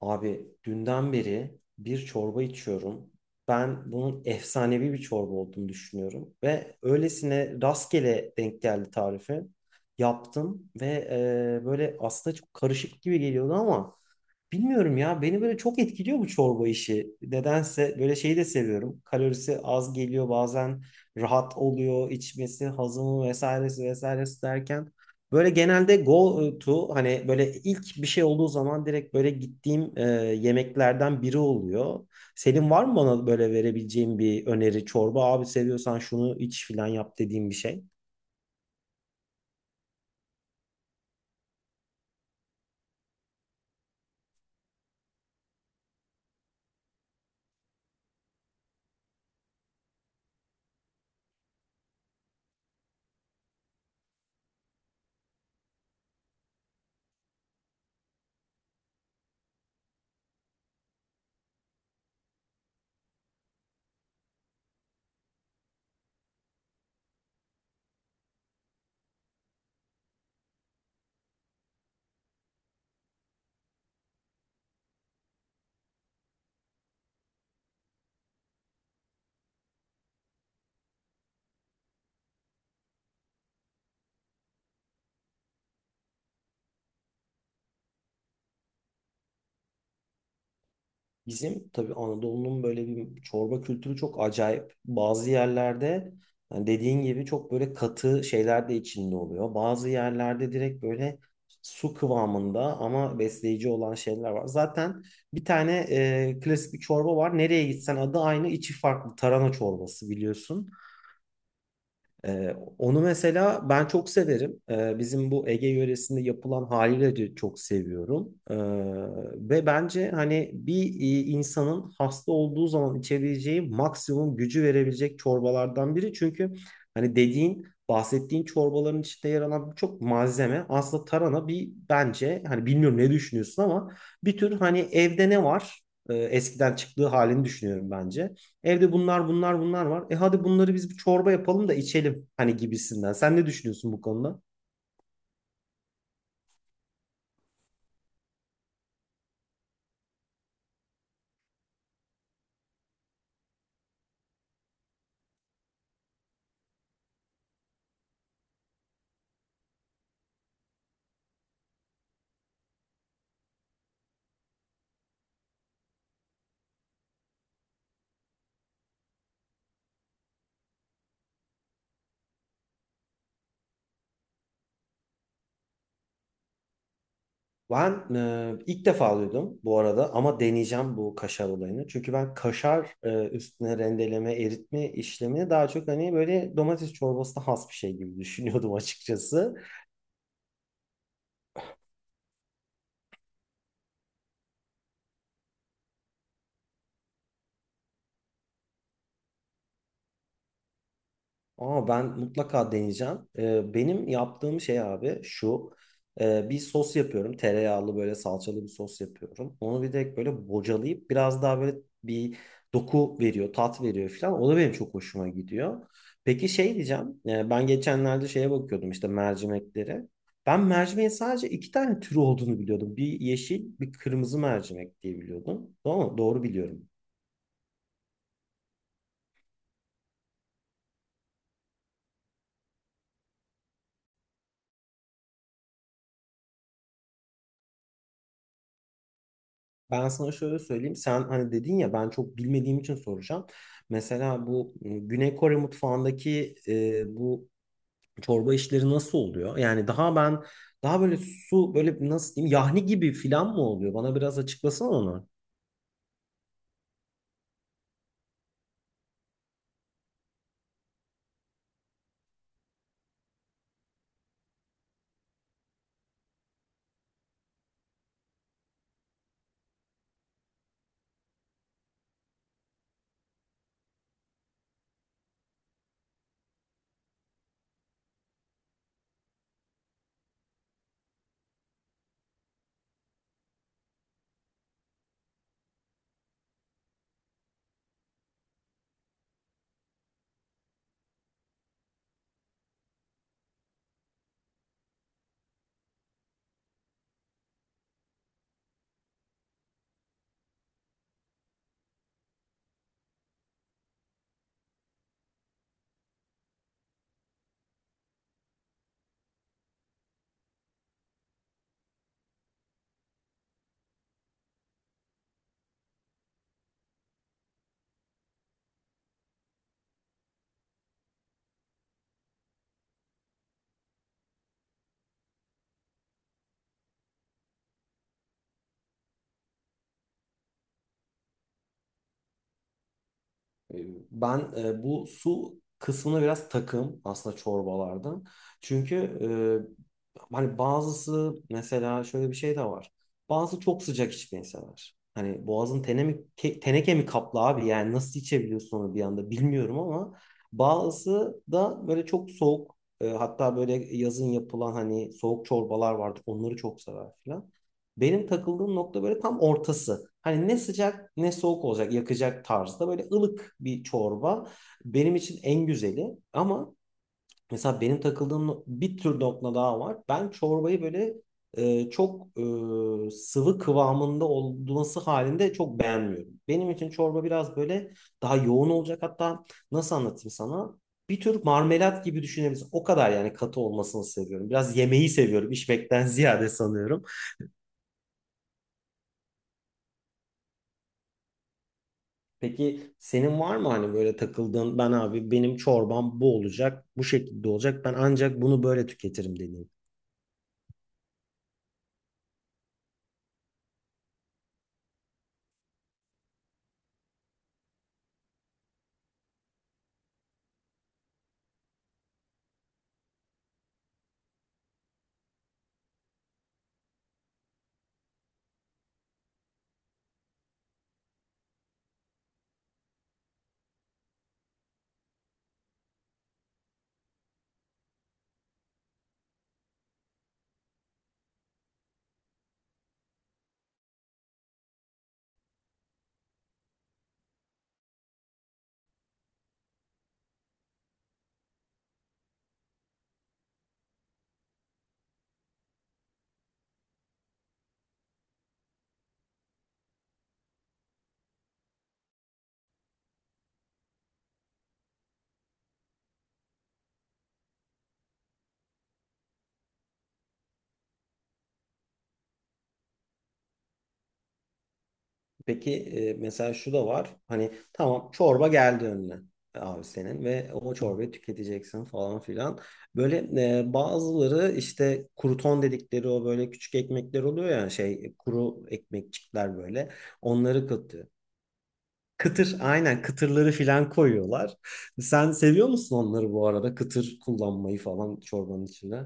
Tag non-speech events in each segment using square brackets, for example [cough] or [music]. Abi dünden beri bir çorba içiyorum. Ben bunun efsanevi bir çorba olduğunu düşünüyorum. Ve öylesine rastgele denk geldi tarifi. Yaptım ve böyle aslında çok karışık gibi geliyordu ama bilmiyorum ya, beni böyle çok etkiliyor bu çorba işi. Nedense böyle şeyi de seviyorum. Kalorisi az geliyor bazen, rahat oluyor içmesi, hazımı vesairesi vesairesi derken. Böyle genelde go to, hani böyle ilk bir şey olduğu zaman direkt böyle gittiğim yemeklerden biri oluyor. Senin var mı bana böyle verebileceğin bir öneri çorba? Abi seviyorsan şunu iç filan yap dediğim bir şey. Bizim tabii Anadolu'nun böyle bir çorba kültürü çok acayip. Bazı yerlerde yani dediğin gibi çok böyle katı şeyler de içinde oluyor. Bazı yerlerde direkt böyle su kıvamında ama besleyici olan şeyler var. Zaten bir tane klasik bir çorba var. Nereye gitsen adı aynı, içi farklı. Tarhana çorbası biliyorsun. Onu mesela ben çok severim. Bizim bu Ege yöresinde yapılan haliyle de çok seviyorum. Ve bence hani bir insanın hasta olduğu zaman içebileceği maksimum gücü verebilecek çorbalardan biri. Çünkü hani dediğin bahsettiğin çorbaların içinde yer alan birçok malzeme aslında tarhana bir, bence hani bilmiyorum ne düşünüyorsun ama bir tür hani evde ne var? Eskiden çıktığı halini düşünüyorum bence. Evde bunlar bunlar bunlar var. E hadi bunları biz bir çorba yapalım da içelim hani gibisinden. Sen ne düşünüyorsun bu konuda? Ben ilk defa duydum bu arada ama deneyeceğim bu kaşar olayını. Çünkü ben kaşar üstüne rendeleme, eritme işlemini daha çok hani böyle domates çorbasına has bir şey gibi düşünüyordum açıkçası. Ama ben mutlaka deneyeceğim. Benim yaptığım şey abi şu. Bir sos yapıyorum. Tereyağlı böyle salçalı bir sos yapıyorum. Onu bir de böyle bocalayıp biraz daha böyle bir doku veriyor, tat veriyor falan. O da benim çok hoşuma gidiyor. Peki şey diyeceğim. Ben geçenlerde şeye bakıyordum işte mercimeklere. Ben mercimeğin sadece iki tane türü olduğunu biliyordum. Bir yeşil, bir kırmızı mercimek diye biliyordum. Doğru mu? Doğru biliyorum. Ben sana şöyle söyleyeyim. Sen hani dedin ya, ben çok bilmediğim için soracağım. Mesela bu Güney Kore mutfağındaki bu çorba işleri nasıl oluyor? Yani daha ben daha böyle su böyle nasıl diyeyim, yahni gibi filan mı oluyor? Bana biraz açıklasana onu. E, Ben bu su kısmına biraz takım aslında çorbalarda. Çünkü hani bazısı mesela şöyle bir şey de var. Bazısı çok sıcak içmeyi sever. Hani boğazın tene mi, teneke mi kaplı abi, yani nasıl içebiliyorsun onu bir anda bilmiyorum ama bazısı da böyle çok soğuk, hatta böyle yazın yapılan hani soğuk çorbalar vardır, onları çok sever falan. Benim takıldığım nokta böyle tam ortası. Hani ne sıcak ne soğuk olacak, yakacak tarzda, böyle ılık bir çorba benim için en güzeli. Ama mesela benim takıldığım bir tür nokta daha var. Ben çorbayı böyle e, çok sıvı kıvamında olması halinde çok beğenmiyorum. Benim için çorba biraz böyle daha yoğun olacak. Hatta nasıl anlatayım sana? Bir tür marmelat gibi düşünebilirsin. O kadar yani katı olmasını seviyorum. Biraz yemeği seviyorum, içmekten [laughs] ziyade sanıyorum. Peki senin var mı hani böyle takıldığın, ben abi benim çorbam bu olacak, bu şekilde olacak, ben ancak bunu böyle tüketirim dediğin. Peki mesela şu da var. Hani tamam, çorba geldi önüne, abi senin ve o çorbayı tüketeceksin falan filan. Böyle bazıları işte kruton dedikleri o böyle küçük ekmekler oluyor ya, şey, kuru ekmekçikler böyle. Onları katıyor. Kıtır, aynen, kıtırları filan koyuyorlar. Sen seviyor musun onları bu arada, kıtır kullanmayı falan çorbanın içine?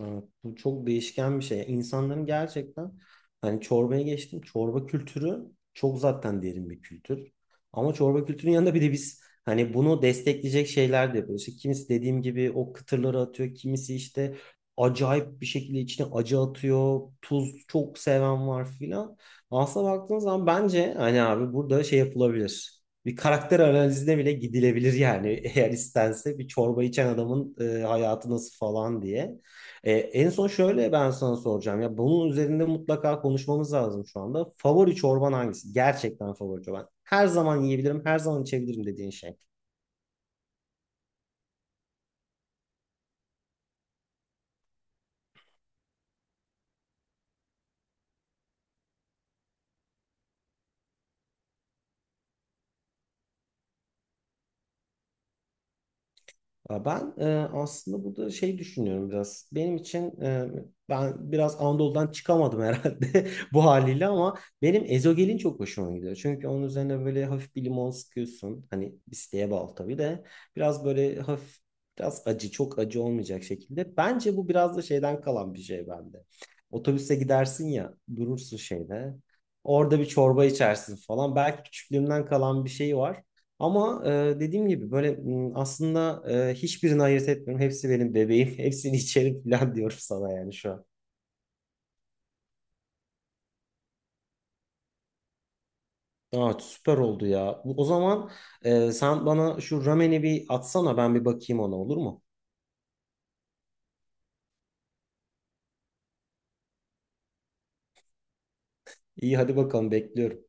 Evet, bu çok değişken bir şey. İnsanların gerçekten hani, çorbaya geçtim, çorba kültürü çok zaten derin bir kültür. Ama çorba kültürünün yanında bir de biz hani bunu destekleyecek şeyler de yapıyoruz. İşte kimisi dediğim gibi o kıtırları atıyor. Kimisi işte acayip bir şekilde içine acı atıyor. Tuz çok seven var filan. Aslına baktığın zaman bence hani abi burada şey yapılabilir. Bir karakter analizine bile gidilebilir yani [laughs] eğer istense, bir çorba içen adamın hayatı nasıl falan diye. En son şöyle ben sana soracağım. Ya bunun üzerinde mutlaka konuşmamız lazım şu anda. Favori çorban hangisi? Gerçekten favori çorban. Her zaman yiyebilirim, her zaman içebilirim dediğin şey. Ya ben aslında burada şey düşünüyorum biraz. Benim için ben biraz Anadolu'dan çıkamadım herhalde [laughs] bu haliyle, ama benim ezogelin çok hoşuma gidiyor. Çünkü onun üzerine böyle hafif bir limon sıkıyorsun. Hani isteğe bağlı tabii de, biraz böyle hafif, biraz acı, çok acı olmayacak şekilde. Bence bu biraz da şeyden kalan bir şey bende. Otobüse gidersin ya, durursun şeyde. Orada bir çorba içersin falan. Belki küçüklüğümden kalan bir şey var. Ama dediğim gibi böyle aslında hiçbirini ayırt etmiyorum. Hepsi benim bebeğim. [laughs] Hepsini içerim falan diyorum sana yani şu an. Evet, süper oldu ya. Bu- o zaman sen bana şu rameni bir atsana, ben bir bakayım ona, olur mu? İyi, hadi bakalım, bekliyorum.